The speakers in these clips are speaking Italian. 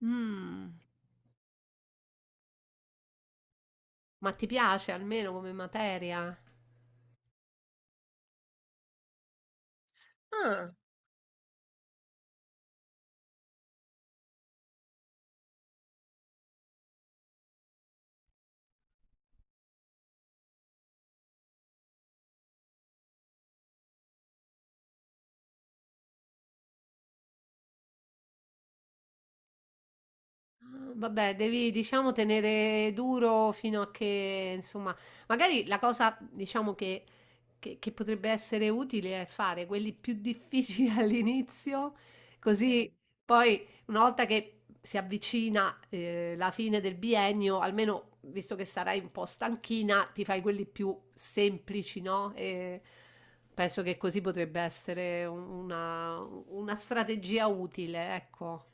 Mh, ma ti piace almeno come materia? Ah. Ah. Vabbè, devi, diciamo, tenere duro fino a che, insomma, magari la cosa, diciamo, che potrebbe essere utile è fare quelli più difficili all'inizio, così poi una volta che si avvicina, la fine del biennio, almeno visto che sarai un po' stanchina, ti fai quelli più semplici, no? E penso che così potrebbe essere una strategia utile, ecco.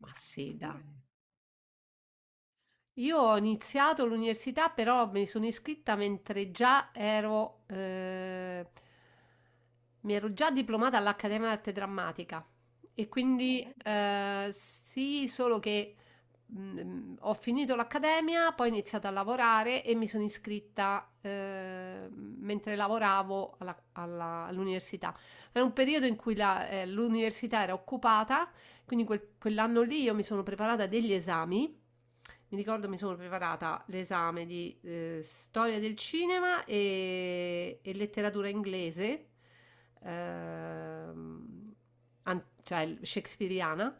Ma sì, dai. Io ho iniziato l'università, però mi sono iscritta mentre già ero, mi ero già diplomata all'Accademia d'Arte Drammatica e quindi sì, solo che ho finito l'accademia, poi ho iniziato a lavorare e mi sono iscritta mentre lavoravo all'università. Era un periodo in cui l'università era occupata, quindi quell'anno lì io mi sono preparata degli esami. Mi ricordo mi sono preparata l'esame di storia del cinema e letteratura inglese, ehm, cioè shakespeariana.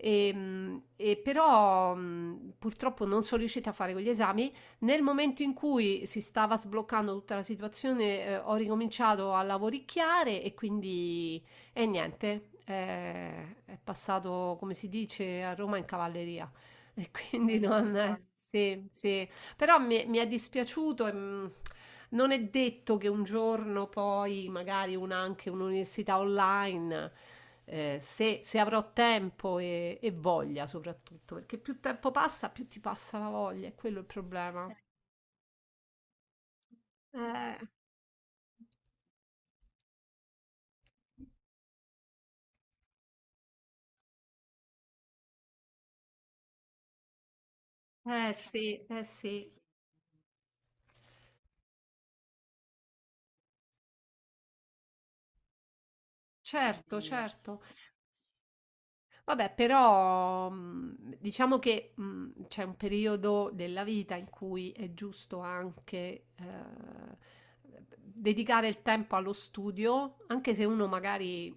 E però purtroppo non sono riuscita a fare quegli esami. Nel momento in cui si stava sbloccando tutta la situazione, ho ricominciato a lavoricchiare e quindi e niente, è passato, come si dice, a Roma in cavalleria. E quindi non... Ammazza. Sì, sì. Però mi è dispiaciuto e non è detto che un giorno poi, magari anche un'università online, se, se avrò tempo e voglia soprattutto, perché più tempo passa, più ti passa la voglia, è quello il problema. Eh, eh sì, eh sì. Certo. Quindi, certo. Vabbè, però diciamo che c'è un periodo della vita in cui è giusto anche dedicare il tempo allo studio, anche se uno magari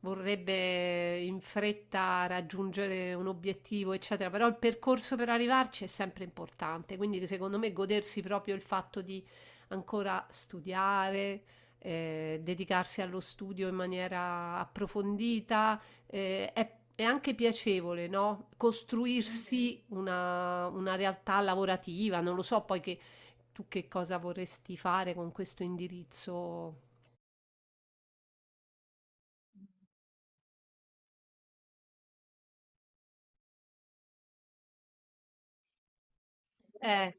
vorrebbe in fretta raggiungere un obiettivo, eccetera, però il percorso per arrivarci è sempre importante, quindi secondo me godersi proprio il fatto di ancora studiare, dedicarsi allo studio in maniera approfondita è anche piacevole, no? Costruirsi una realtà lavorativa, non lo so poi che tu che cosa vorresti fare con questo indirizzo. Eh,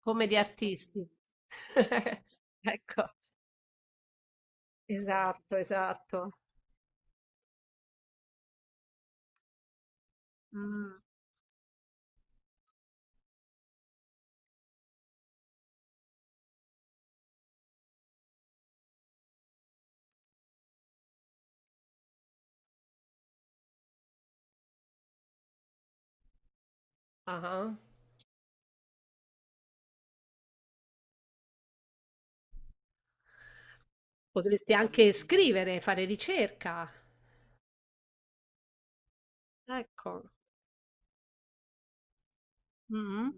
come di artisti. Ecco, esatto, esatto. Mm. Ah, potresti anche scrivere, fare ricerca. Ecco. Mm.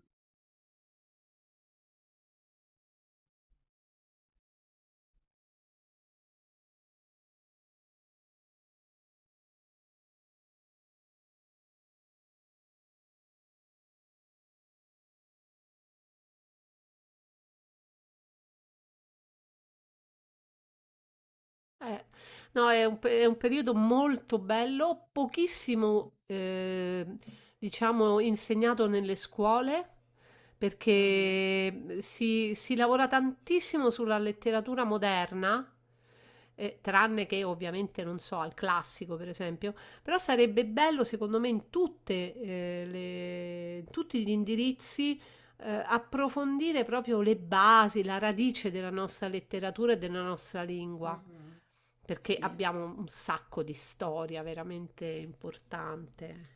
Eh, no, è un pe è un periodo molto bello, pochissimo, diciamo, insegnato nelle scuole. Mm. Perché si, si lavora tantissimo sulla letteratura moderna, tranne che ovviamente, non so, al classico, per esempio, però sarebbe bello, secondo me, in tutte, in tutti gli indirizzi approfondire proprio le basi, la radice della nostra letteratura e della nostra lingua, perché sì, abbiamo un sacco di storia veramente importante.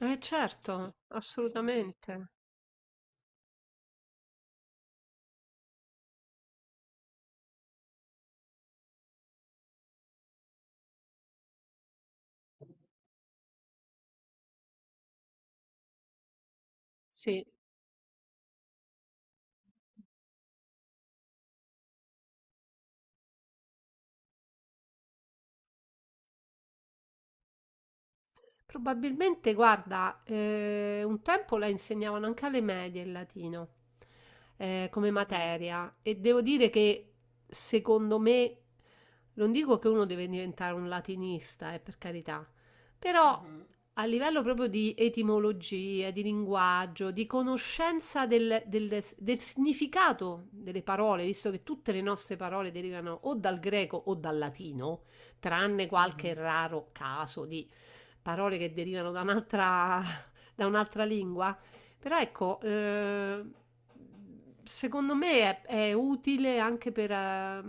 Eh certo, assolutamente. Sì. Probabilmente, guarda, un tempo la insegnavano anche alle medie il latino come materia, e devo dire che secondo me, non dico che uno deve diventare un latinista, per carità, però Mhm. A livello proprio di etimologia, di linguaggio, di conoscenza del, del significato delle parole, visto che tutte le nostre parole derivano o dal greco o dal latino, tranne qualche mhm raro caso di parole che derivano da un'altra lingua. Però ecco, secondo me è utile anche per, eh,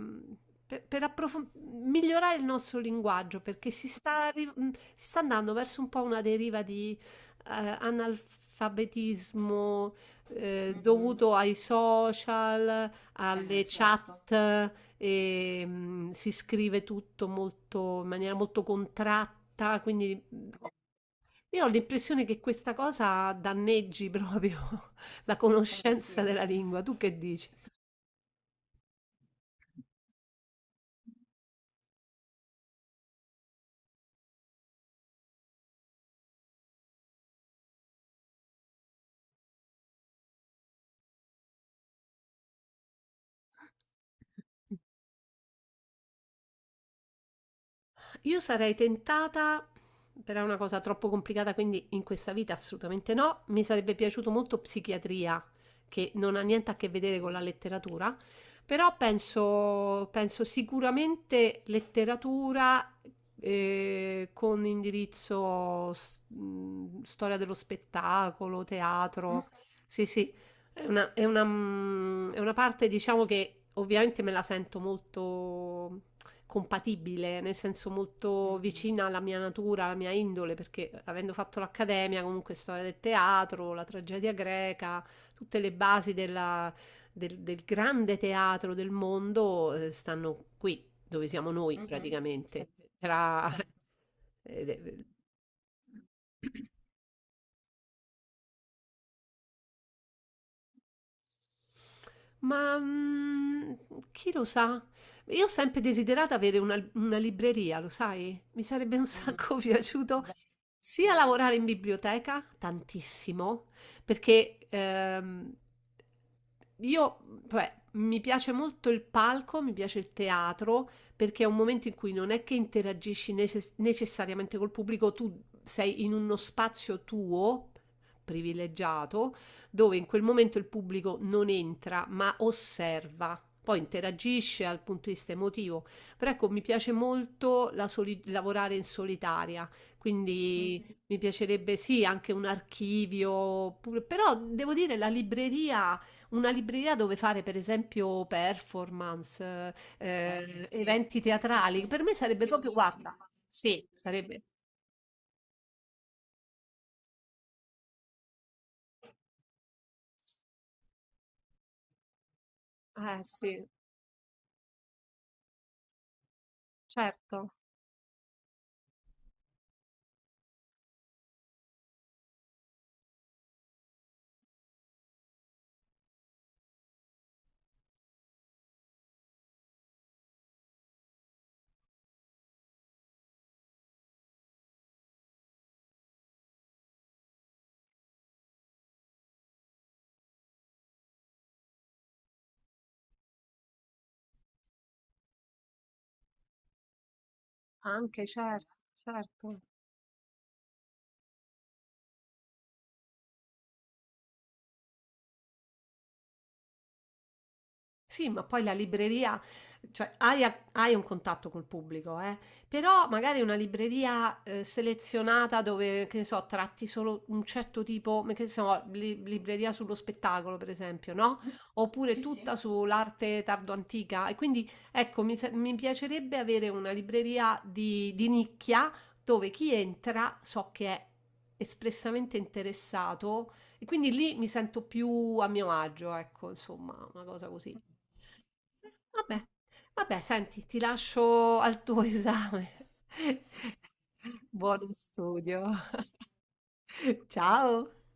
per- per approfon- migliorare il nostro linguaggio, perché si sta, si sta andando verso un po' una deriva di analfabetismo Mm, mm. Dovuto ai social, eh beh, alle certo chat, e, si scrive tutto molto, in maniera molto contratta, quindi io ho l'impressione che questa cosa danneggi proprio la anche conoscenza qui della lingua. Tu che dici? Io sarei tentata, però è una cosa troppo complicata, quindi in questa vita assolutamente no. Mi sarebbe piaciuto molto psichiatria, che non ha niente a che vedere con la letteratura, però penso, penso sicuramente letteratura con indirizzo storia dello spettacolo, Mm, teatro. Sì, sì, è una, mm, è una parte, diciamo, che ovviamente me la sento molto compatibile, nel senso molto vicina alla mia natura, alla mia indole, perché avendo fatto l'accademia, comunque storia del teatro, la tragedia greca, tutte le basi del, del grande teatro del mondo stanno qui, dove siamo noi Mhm praticamente, certo, tra certo. eh, Ma chi lo sa? Io ho sempre desiderato avere una libreria, lo sai? Mi sarebbe un Mm, sacco piaciuto beh, sia lavorare in biblioteca, tantissimo, perché io, cioè, mi piace molto il palco, mi piace il teatro, perché è un momento in cui non è che interagisci necessariamente col pubblico, tu sei in uno spazio tuo, privilegiato, dove in quel momento il pubblico non entra, ma osserva. Poi interagisce dal punto di vista emotivo, però ecco, mi piace molto la lavorare in solitaria, quindi Mhm. Mi piacerebbe sì anche un archivio, pure- però devo dire la libreria, una libreria dove fare per esempio performance, bello, sì. Eventi teatrali, per me sarebbe proprio, bellissimo, guarda, sì, sarebbe eh sì, certo, anche certo, certo. Sì, ma poi la libreria, cioè hai, hai un contatto col pubblico, eh? Però magari una libreria selezionata dove, che ne so, tratti solo un certo tipo, ma che ne so, libreria sullo spettacolo, per esempio, no? Oppure sì, sì, tutta sull'arte tardo-antica. E quindi, ecco, mi piacerebbe avere una libreria di nicchia dove chi entra so che è espressamente interessato, e quindi lì mi sento più a mio agio, ecco, insomma, una cosa così. Vabbè, vabbè, senti, ti lascio al tuo esame. Buono studio. Ciao.